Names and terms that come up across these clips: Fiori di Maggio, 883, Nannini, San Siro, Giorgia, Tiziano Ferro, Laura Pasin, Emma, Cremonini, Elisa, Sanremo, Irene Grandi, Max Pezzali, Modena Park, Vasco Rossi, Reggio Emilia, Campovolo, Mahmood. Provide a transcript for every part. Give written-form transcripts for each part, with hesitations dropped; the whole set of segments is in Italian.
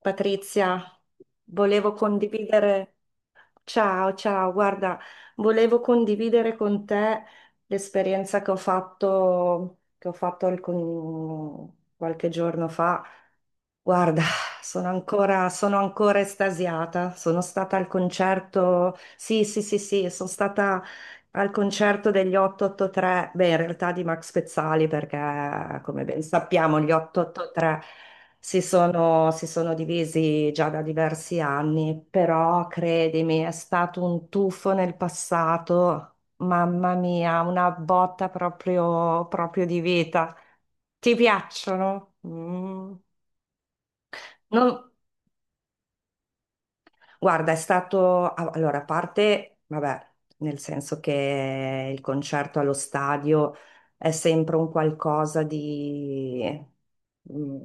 Patrizia, volevo condividere, ciao, ciao, guarda, volevo condividere con te l'esperienza che ho fatto, qualche giorno fa. Guarda, sono ancora estasiata. Sono stata al concerto. Sì, sì, sì, sì, sono stata al concerto degli 883. Beh, in realtà di Max Pezzali, perché come ben sappiamo, gli 883 si sono divisi già da diversi anni. Però credimi, è stato un tuffo nel passato. Mamma mia, una botta proprio di vita. Ti piacciono? Mm. Non- Guarda, allora, a parte, vabbè, nel senso che il concerto allo stadio è sempre un qualcosa di... mm.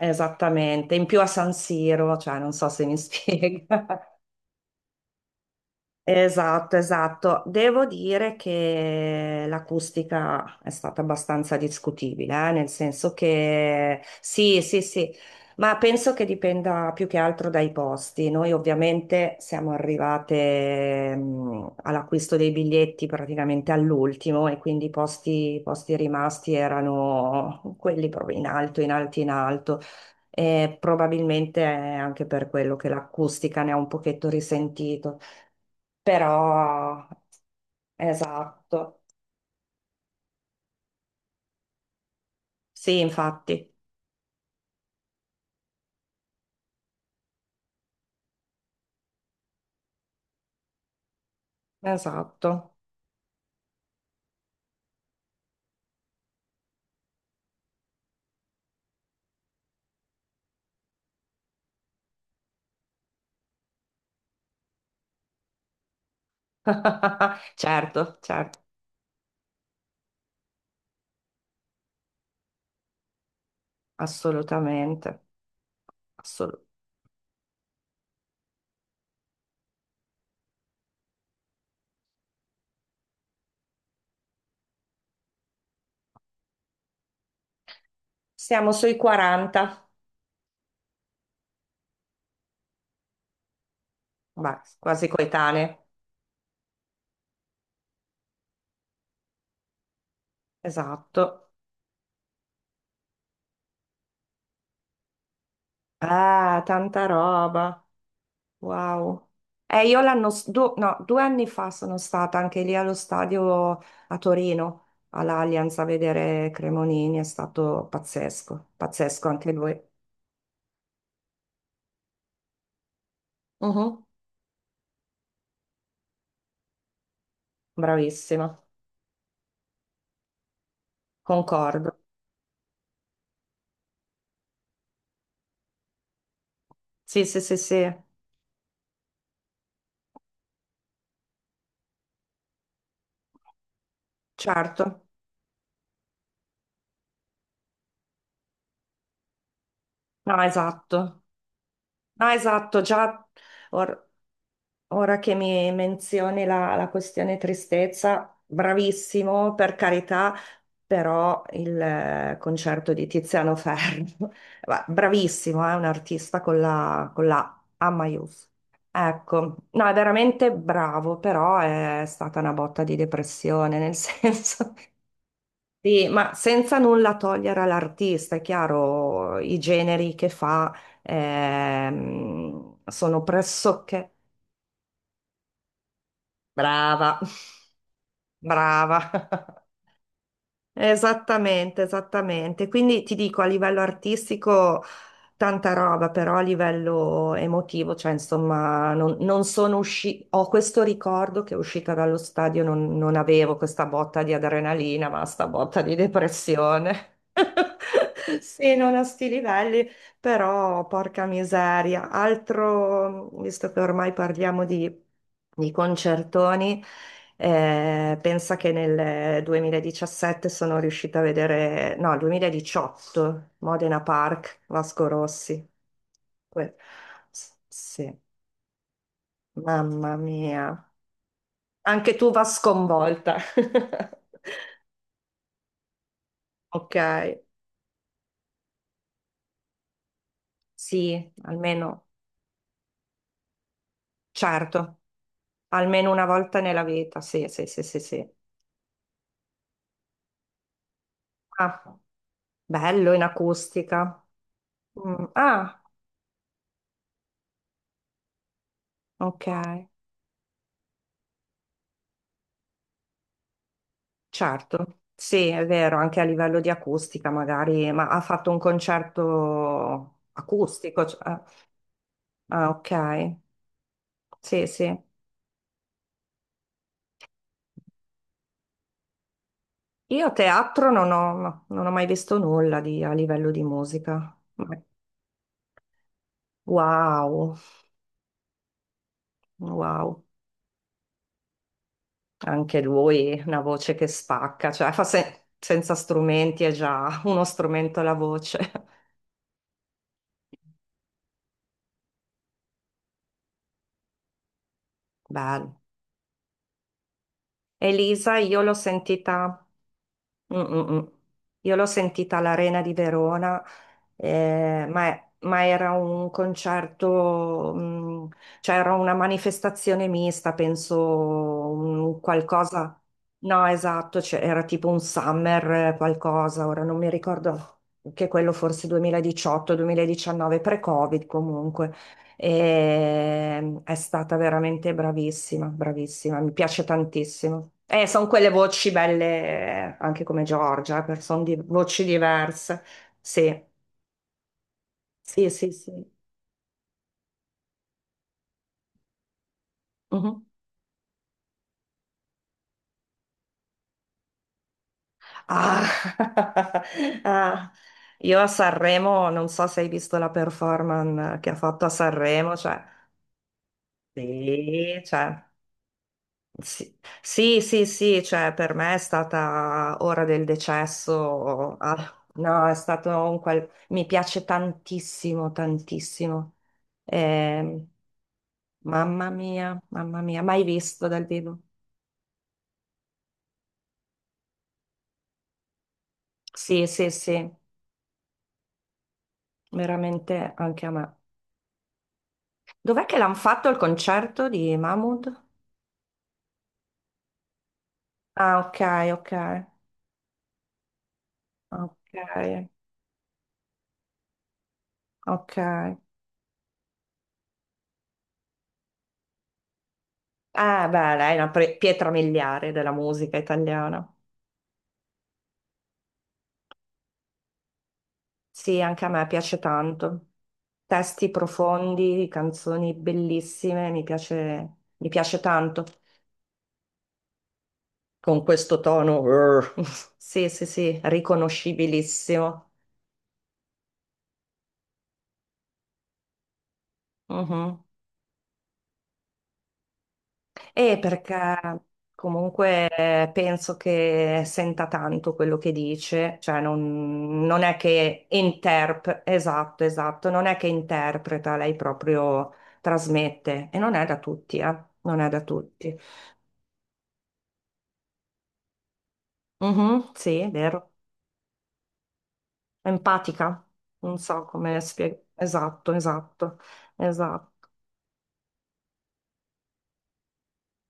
Esattamente, in più a San Siro, cioè non so se mi spiega. Esatto, esatto. Devo dire che l'acustica è stata abbastanza discutibile, nel senso che sì, sì, sì, ma penso che dipenda più che altro dai posti. Noi ovviamente siamo arrivate all'acquisto dei biglietti praticamente all'ultimo e quindi i posti rimasti erano quelli proprio in alto, in alto, in alto. E probabilmente è anche per quello che l'acustica ne ha un pochetto risentito. Però, esatto, sì, infatti, esatto. Certo, certo, assolutamente, assolut- Siamo sui 40, beh, quasi coetanee, esatto. Ah, tanta roba, wow. E io l'anno, no, due anni fa sono stata anche lì allo stadio a Torino, all'Allianz a vedere Cremonini, è stato pazzesco, pazzesco anche lui. Mhm. Bravissima. Concordo. Sì, sì, sì, sì, certo. No, esatto. No, esatto, già or- ora che mi menzioni la questione tristezza, bravissimo, per carità, però il concerto di Tiziano Ferro, bravissimo, è un artista con con la A maius. Ecco, no, è veramente bravo, però è stata una botta di depressione, nel senso... Sì, ma senza nulla togliere all'artista, è chiaro, i generi che fa sono pressoché brava, brava. Esattamente, esattamente. Quindi ti dico, a livello artistico tanta roba, però a livello emotivo, cioè insomma, non, non sono uscita, ho questo ricordo che uscita dallo stadio non, non avevo questa botta di adrenalina, ma sta botta di depressione. Sì, non a sti livelli. Però, porca miseria, altro, visto che ormai parliamo di concertoni, pensa che nel 2017 sono riuscita a vedere, no, 2018, Modena Park, Vasco Rossi. Que- sì, mamma mia. Anche tu va sconvolta. Ok, sì, almeno, certo, almeno una volta nella vita, sì, sì, sì, sì, sì. Ah. Bello in acustica. Mm, Ah, ok, certo. Sì, è vero, anche a livello di acustica magari, ma ha fatto un concerto acustico. Ah, ah, ok. Sì, sì. Io teatro non ho, no, non ho mai visto nulla a livello di musica. Ma- Wow, wow. Anche lui, una voce che spacca, cioè fa se- senza strumenti è già uno strumento la voce. Bello. Elisa, io l'ho sentita. Mm, mm, mm. Io l'ho sentita all'Arena di Verona, ma, ma era un concerto, mm, cioè era una manifestazione mista, penso un qualcosa. No, esatto, cioè, era tipo un summer qualcosa, ora non mi ricordo che quello forse 2018-2019, pre-Covid comunque. E è stata veramente bravissima, bravissima, mi piace tantissimo. E sono quelle voci belle, anche come Giorgia, sono di voci diverse. Sì, sì, sì, sì. Mhm. Ah. Ah. Io a Sanremo, non so se hai visto la performance che ha fatto a Sanremo, cioè, sì, cioè, sì, sì, sì, sì, cioè per me è stata ora del decesso, ah, no, è stato un qual... mi piace tantissimo, tantissimo. Ehm, mamma mia, mai visto dal vivo. Sì, sì, sì, veramente anche a me. Dov'è che l'hanno fatto il concerto di Mahmood? Ah, ok, ok, ok, ok. Beh, lei è una pietra miliare della musica italiana. Sì, anche a me piace tanto. Testi profondi, canzoni bellissime, mi piace tanto. Con questo tono, urr. Sì, sì, sì, riconoscibilissimo. Mhm. E perché comunque penso che senta tanto quello che dice, cioè non, non è che interpreta, esatto, esatto, non è che interpreta, lei proprio trasmette e non è da tutti, non è da tutti. Mhm, sì, è vero. Empatica, non so come spiegare. Esatto, esatto, esatto.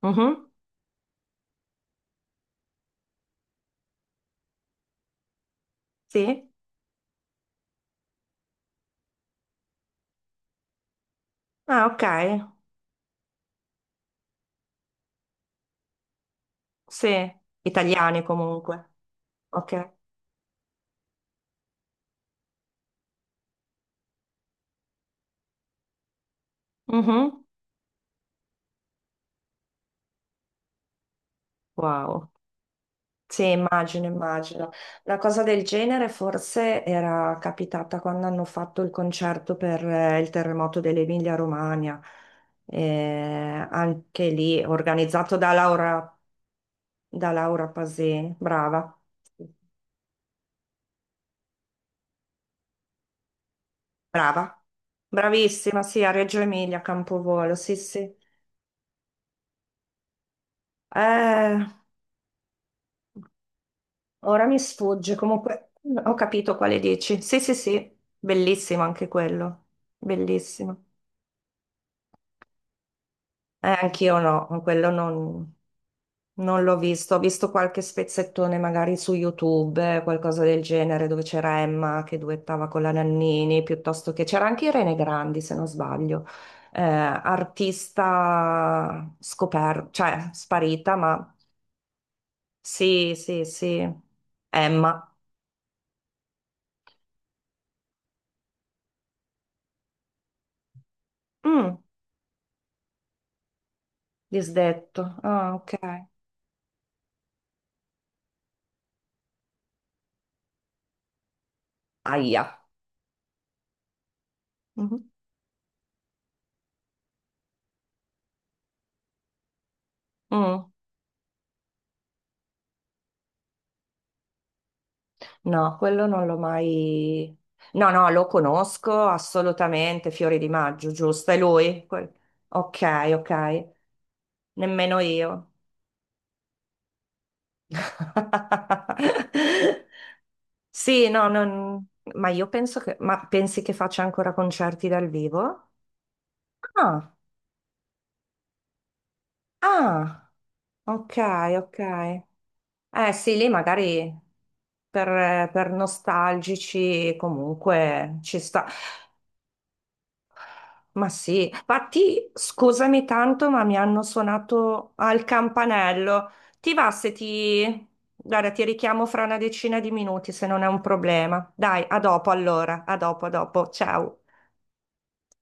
Mhm, sì, ah, ok, sì, italiani comunque, ok. Mhm. Wow, sì, immagino, immagino. Una cosa del genere forse era capitata quando hanno fatto il concerto per il terremoto dell'Emilia-Romagna. Anche lì organizzato da Laura Pasin, brava. Sì. Brava, bravissima, sì, a Reggio Emilia, a Campovolo, sì, sì. Eh, ora mi sfugge, comunque ho capito quale dici. Sì, sì, sì, bellissimo anche quello, bellissimo. Anch'io no, quello non, non l'ho visto, ho visto qualche spezzettone magari su YouTube, qualcosa del genere, dove c'era Emma che duettava con la Nannini, piuttosto che c'era anche Irene Grandi, se non sbaglio artista scoperta, cioè sparita, ma sì, sì, sì. Emma. Mm, disdetto. Ah, ok. Aia. Mhm. Mm. No, quello non l'ho mai... No, no, lo conosco assolutamente, Fiori di Maggio, giusto? È lui? Ok, ok. Nemmeno io. Sì, no, non... ma io penso che... Ma pensi che faccia ancora concerti dal vivo? Ah, ah, ok, ok. Eh sì, lì magari per nostalgici comunque ci sta. Ma sì, infatti scusami tanto, ma mi hanno suonato al campanello. Ti va se ti... Guarda, ti richiamo fra una 10 di minuti se non è un problema. Dai, a dopo allora, a dopo, a dopo. Ciao.